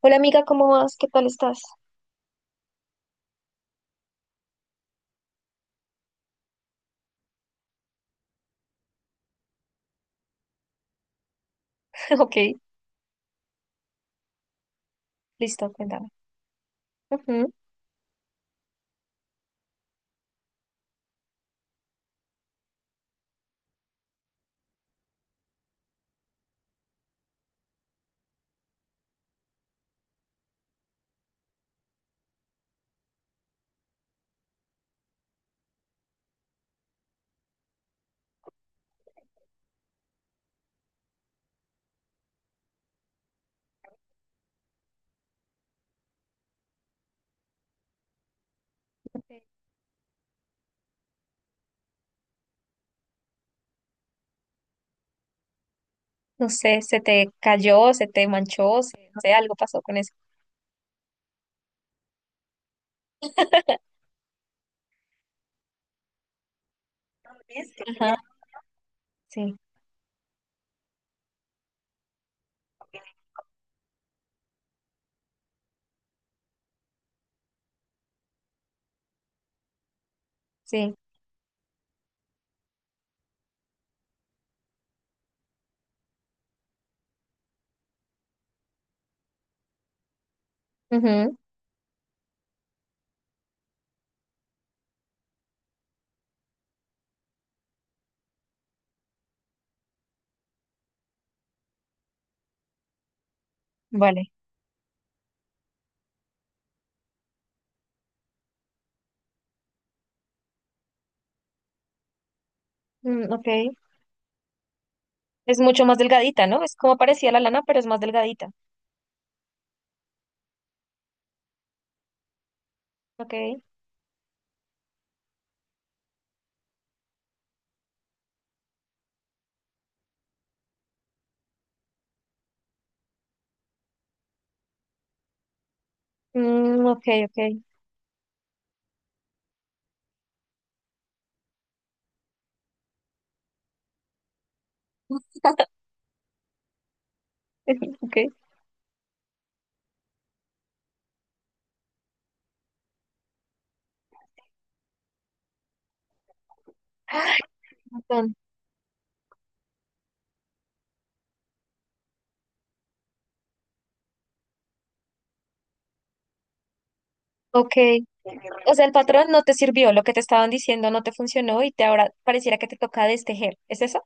Hola amiga, ¿cómo vas? ¿Qué tal estás? Ok, listo, cuéntame. Ujú. No sé, se te cayó, se te manchó, se- no sé, algo pasó con eso. Ajá, sí, sí. Ujú. Vale. Mm, ok. Es mucho más delgadita, ¿no? Es como parecía la lana, pero es más delgadita. Ok. Mm, ok, ok. Ok. Patrón, Ok. O sea, el patrón no te sirvió, lo que te estaban diciendo no te funcionó y te ahora pareciera que te toca destejer. ¿Es eso?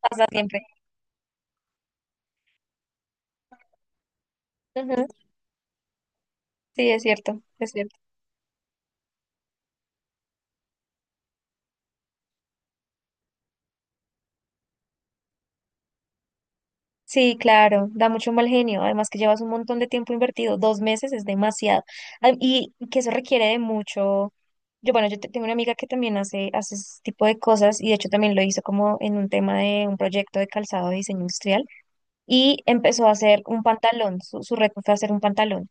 Pasa siempre. Ujú. Sí, es cierto, es cierto. Sí, claro, da mucho mal genio. Además que llevas un montón de tiempo invertido, dos meses es demasiado. Ah, y que eso requiere de mucho. Yo, bueno, tengo una amiga que también hace, hace ese tipo de cosas y de hecho también lo hizo como en un tema de un proyecto de calzado de diseño industrial y empezó a hacer un pantalón. Su reto fue hacer un pantalón.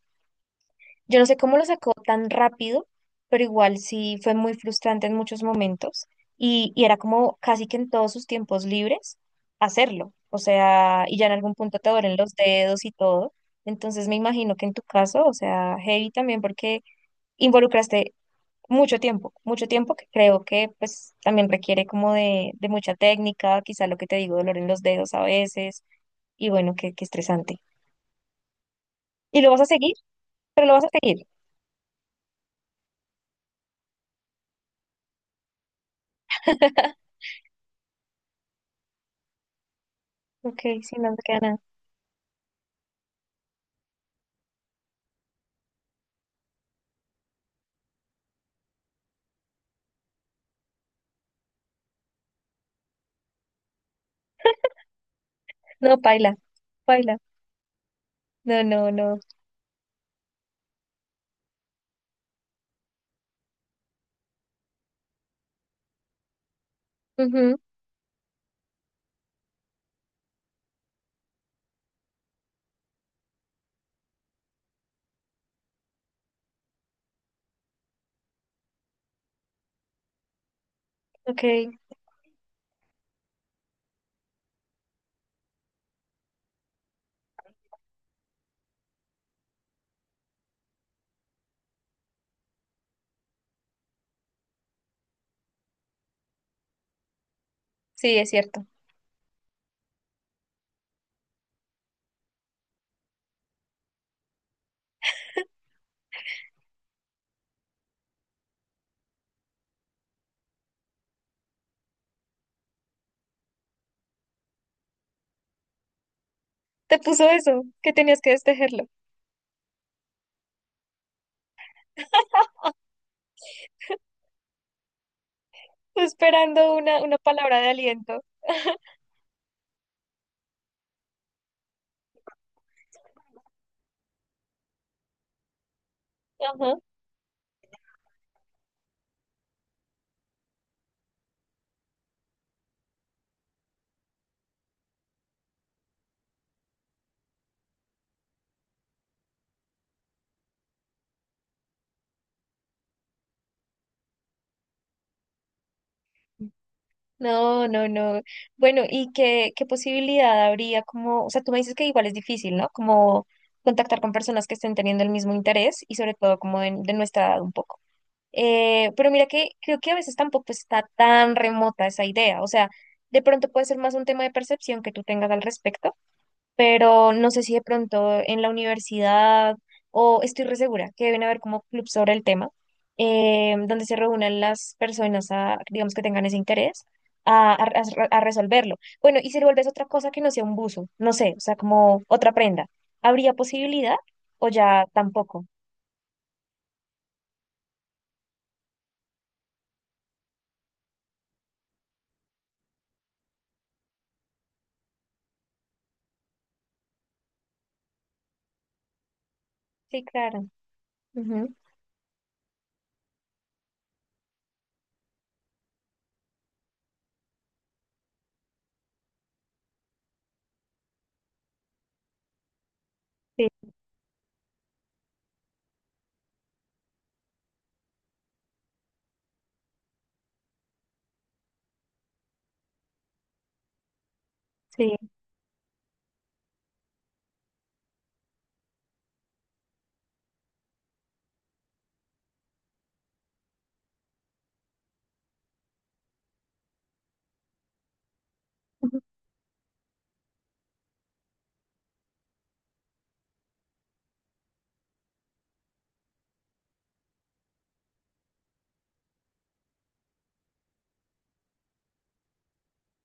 Yo no sé cómo lo sacó tan rápido, pero igual sí fue muy frustrante en muchos momentos y era como casi que en todos sus tiempos libres hacerlo. O sea, y ya en algún punto te duelen los dedos y todo. Entonces me imagino que en tu caso, o sea, heavy también porque involucraste mucho tiempo que creo que pues también requiere como de mucha técnica, quizá lo que te digo, dolor en los dedos a veces y bueno, qué estresante. Y lo vas a seguir, pero lo vas a seguir. Ok, sí, no me queda nada. No, paila, paila. No, no, no. Ujú, ok, sí, es cierto. Te puso eso, que tenías que destejerlo. Esperando una palabra de aliento. Ajá. No, no, no. Bueno, ¿y qué posibilidad habría como, o sea, tú me dices que igual es difícil, ¿no? Como contactar con personas que estén teniendo el mismo interés y sobre todo como de nuestra edad un poco. Pero mira que creo que a veces tampoco está tan remota esa idea, o sea, de pronto puede ser más un tema de percepción que tú tengas al respecto, pero no sé si de pronto en la universidad o estoy re segura que deben haber como clubs sobre el tema, donde se reúnan las personas a, digamos que tengan ese interés. A, a- a resolverlo. Bueno, y si lo vuelves otra cosa que no sea un buzo, no sé, o sea, como otra prenda, ¿habría posibilidad o ya tampoco? Sí, claro. Ujú. Sí, sí. Ujú.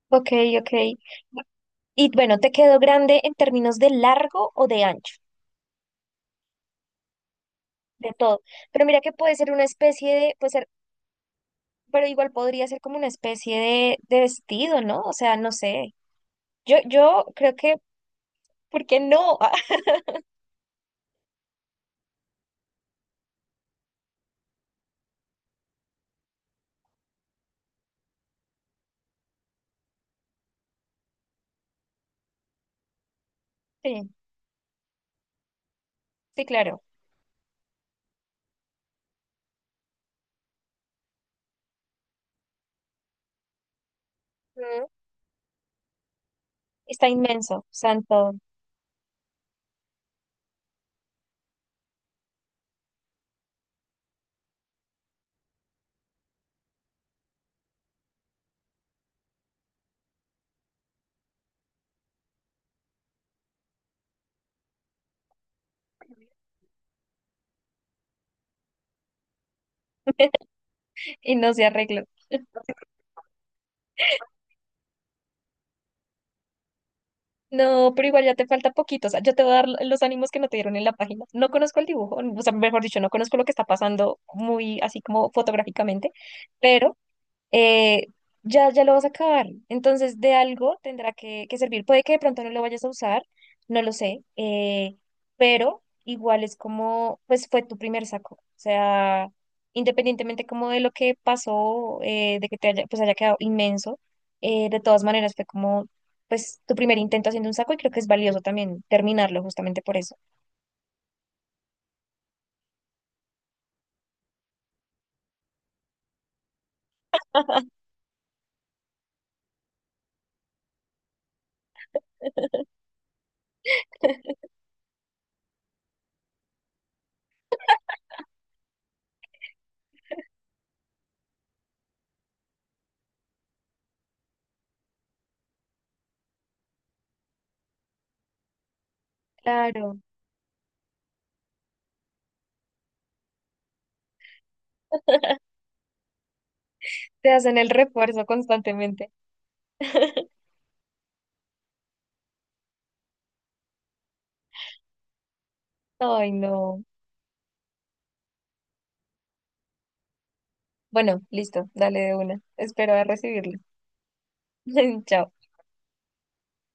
Ok, ok. Y bueno, ¿te quedó grande en términos de largo o de ancho? De todo. Pero mira que puede ser una especie de, pues pero igual podría ser como una especie de vestido, ¿no? O sea, no sé. Yo creo que, ¿por qué no? Ah, sí, sí, claro. Ujú. Está inmenso, santo, y no se arregló. No, pero igual ya te falta poquito. O sea, yo te voy a dar los ánimos que no te dieron en la página. No conozco el dibujo, o sea, mejor dicho, no conozco lo que está pasando muy así como fotográficamente, pero eh, ya, ya lo vas a acabar. Entonces, de algo tendrá que servir. Puede que de pronto no lo vayas a usar, no lo sé, pero igual es como, pues fue tu primer saco. O sea, independientemente como de lo que pasó, de que te haya, pues haya quedado inmenso, de todas maneras fue como, pues tu primer intento haciendo un saco y creo que es valioso también terminarlo justamente por eso. Claro, te hacen el refuerzo constantemente. Ay, no. Bueno, listo, dale de una. Espero a recibirlo. Chao.